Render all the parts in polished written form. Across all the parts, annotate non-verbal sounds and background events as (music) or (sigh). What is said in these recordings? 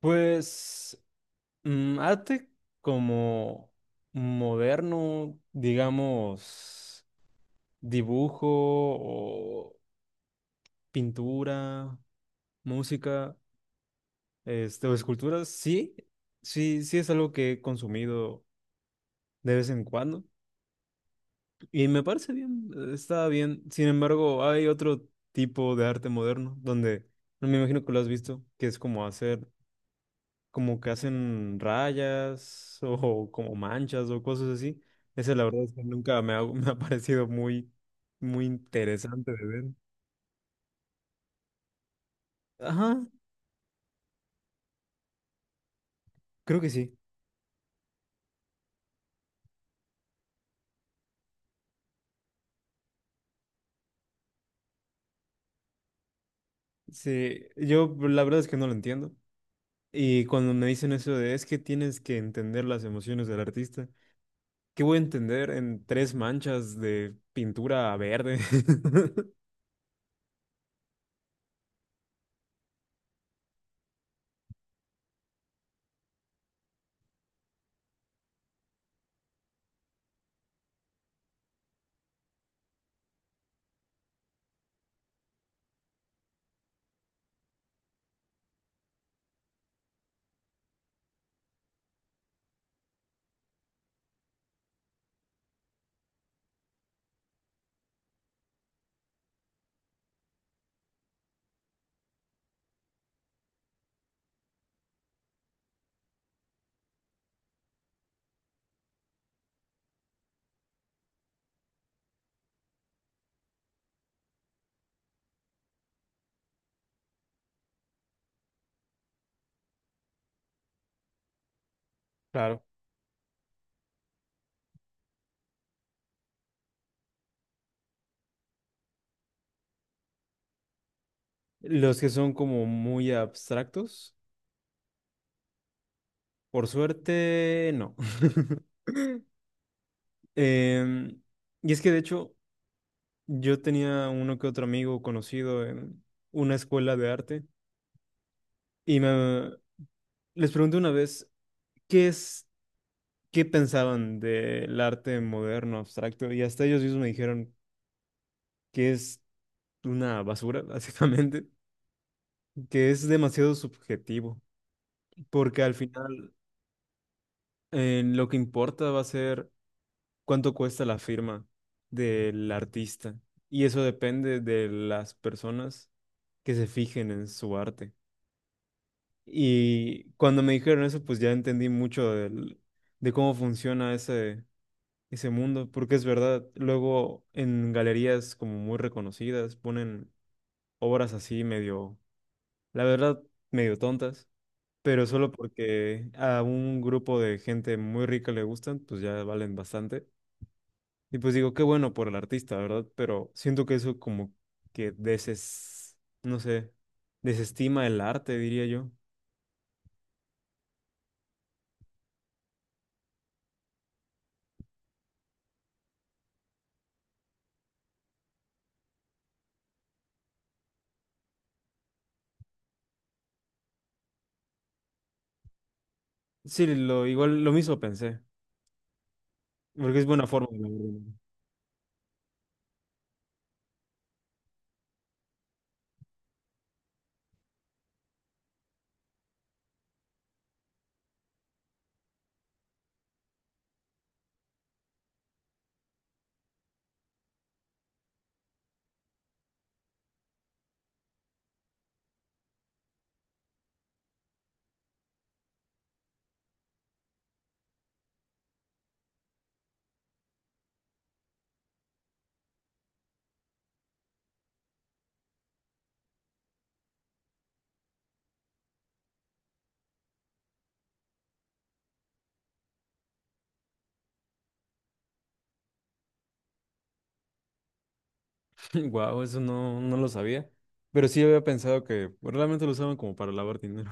Pues arte como moderno, digamos, dibujo o pintura, música, o esculturas, sí, sí, sí es algo que he consumido de vez en cuando y me parece bien, está bien. Sin embargo, hay otro tipo de arte moderno donde, no me imagino que lo has visto, que es como hacer como que hacen rayas (laughs) o como manchas o cosas así. Esa la verdad es que nunca me ha, (laughs) me ha parecido muy, muy interesante de ver. Ajá, creo que sí. Sí, yo la verdad es que no lo entiendo. Y cuando me dicen eso de es que tienes que entender las emociones del artista, ¿qué voy a entender en tres manchas de pintura verde? (laughs) Claro. Los que son como muy abstractos, por suerte, no. (laughs) Em, y es que de hecho yo tenía uno que otro amigo conocido en una escuela de arte y me, les pregunté una vez qué es, qué pensaban del arte moderno, abstracto y hasta ellos mismos me dijeron que es una basura, (laughs) básicamente, que es demasiado subjetivo, porque al final lo que importa va a ser cuánto cuesta la firma del artista y eso depende de las personas que se fijen en su arte. Y cuando me dijeron eso, pues ya entendí mucho de cómo funciona ese mundo, porque es verdad, luego en galerías como muy reconocidas ponen obras así medio, la verdad, medio tontas, pero solo porque a un grupo de gente muy rica le gustan, pues ya valen bastante. Y pues digo, qué bueno por el artista, ¿verdad? Pero siento que eso como que no sé, desestima el arte, diría yo. Sí, igual lo mismo pensé, porque es buena forma de lavar. Wow, (laughs) eso no lo sabía, pero sí había pensado que realmente lo usaban como para lavar dinero.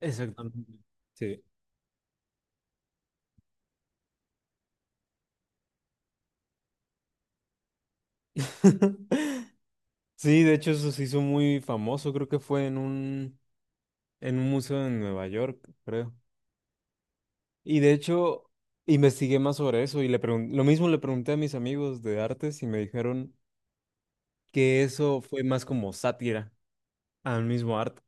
(laughs) Exactamente. Sí. (laughs) Sí, de hecho eso se hizo muy famoso, creo que fue en en un museo en Nueva York, creo. Y de hecho investigué más sobre eso y le lo mismo le pregunté a mis amigos de artes y me dijeron que eso fue más como sátira al mismo arte.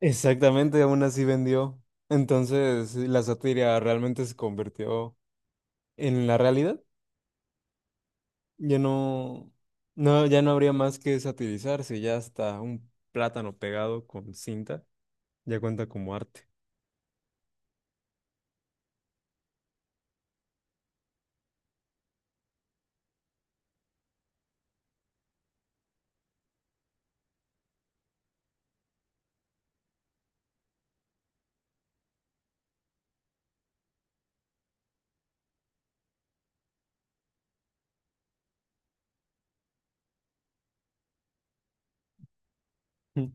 Exactamente, aún así vendió. Entonces, la sátira realmente se convirtió en la realidad. Ya no, no, ya no habría más que satirizarse, ya hasta un plátano pegado con cinta ya cuenta como arte. Mm.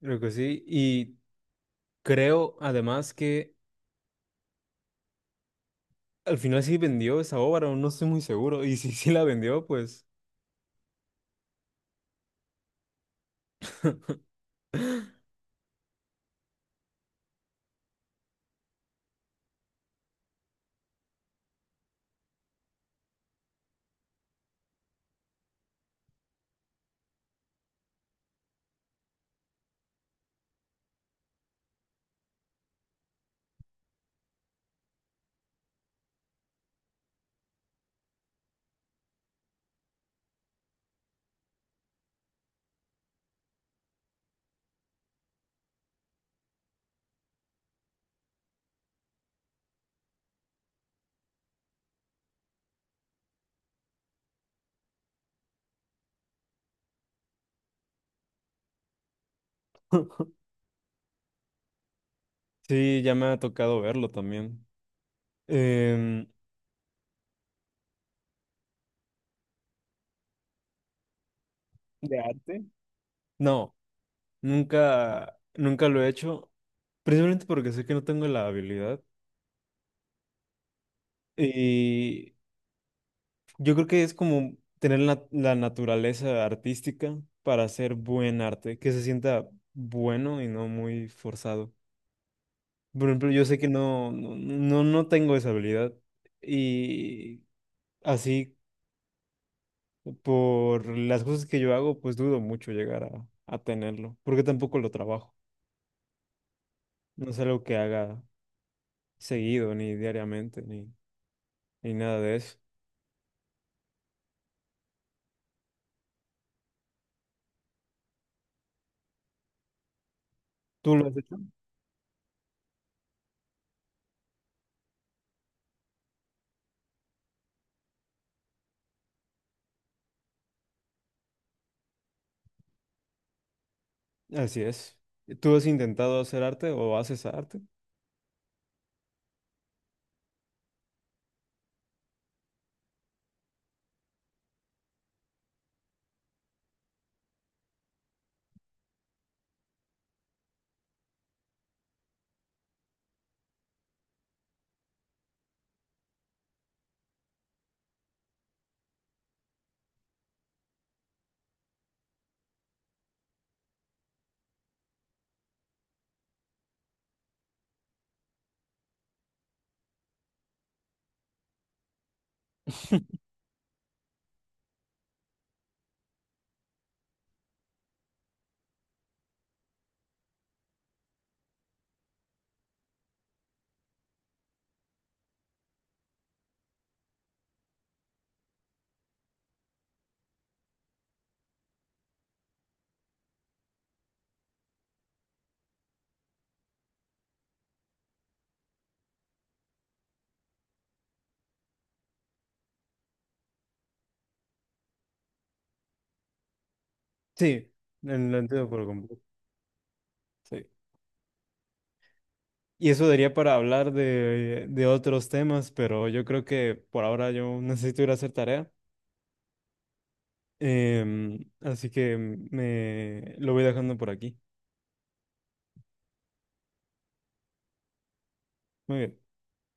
Creo que sí. Y creo además que al final sí vendió esa obra, o no estoy muy seguro. Y si sí la vendió, pues (laughs) sí, ya me ha tocado verlo también. Em, ¿de arte? No, nunca lo he hecho. Principalmente porque sé que no tengo la habilidad y yo creo que es como tener la naturaleza artística para hacer buen arte, que se sienta bueno y no muy forzado. Por ejemplo, yo sé que no tengo esa habilidad y así por las cosas que yo hago, pues dudo mucho llegar a tenerlo, porque tampoco lo trabajo. No es algo que haga seguido, ni diariamente, ni nada de eso. ¿Tú lo has hecho? Así es. ¿Tú has intentado hacer arte o haces arte? Sí, lo entiendo por completo. Sí. Y eso daría para hablar de otros temas, pero yo creo que por ahora yo necesito ir a hacer tarea. Em, así que me lo voy dejando por aquí. Muy bien.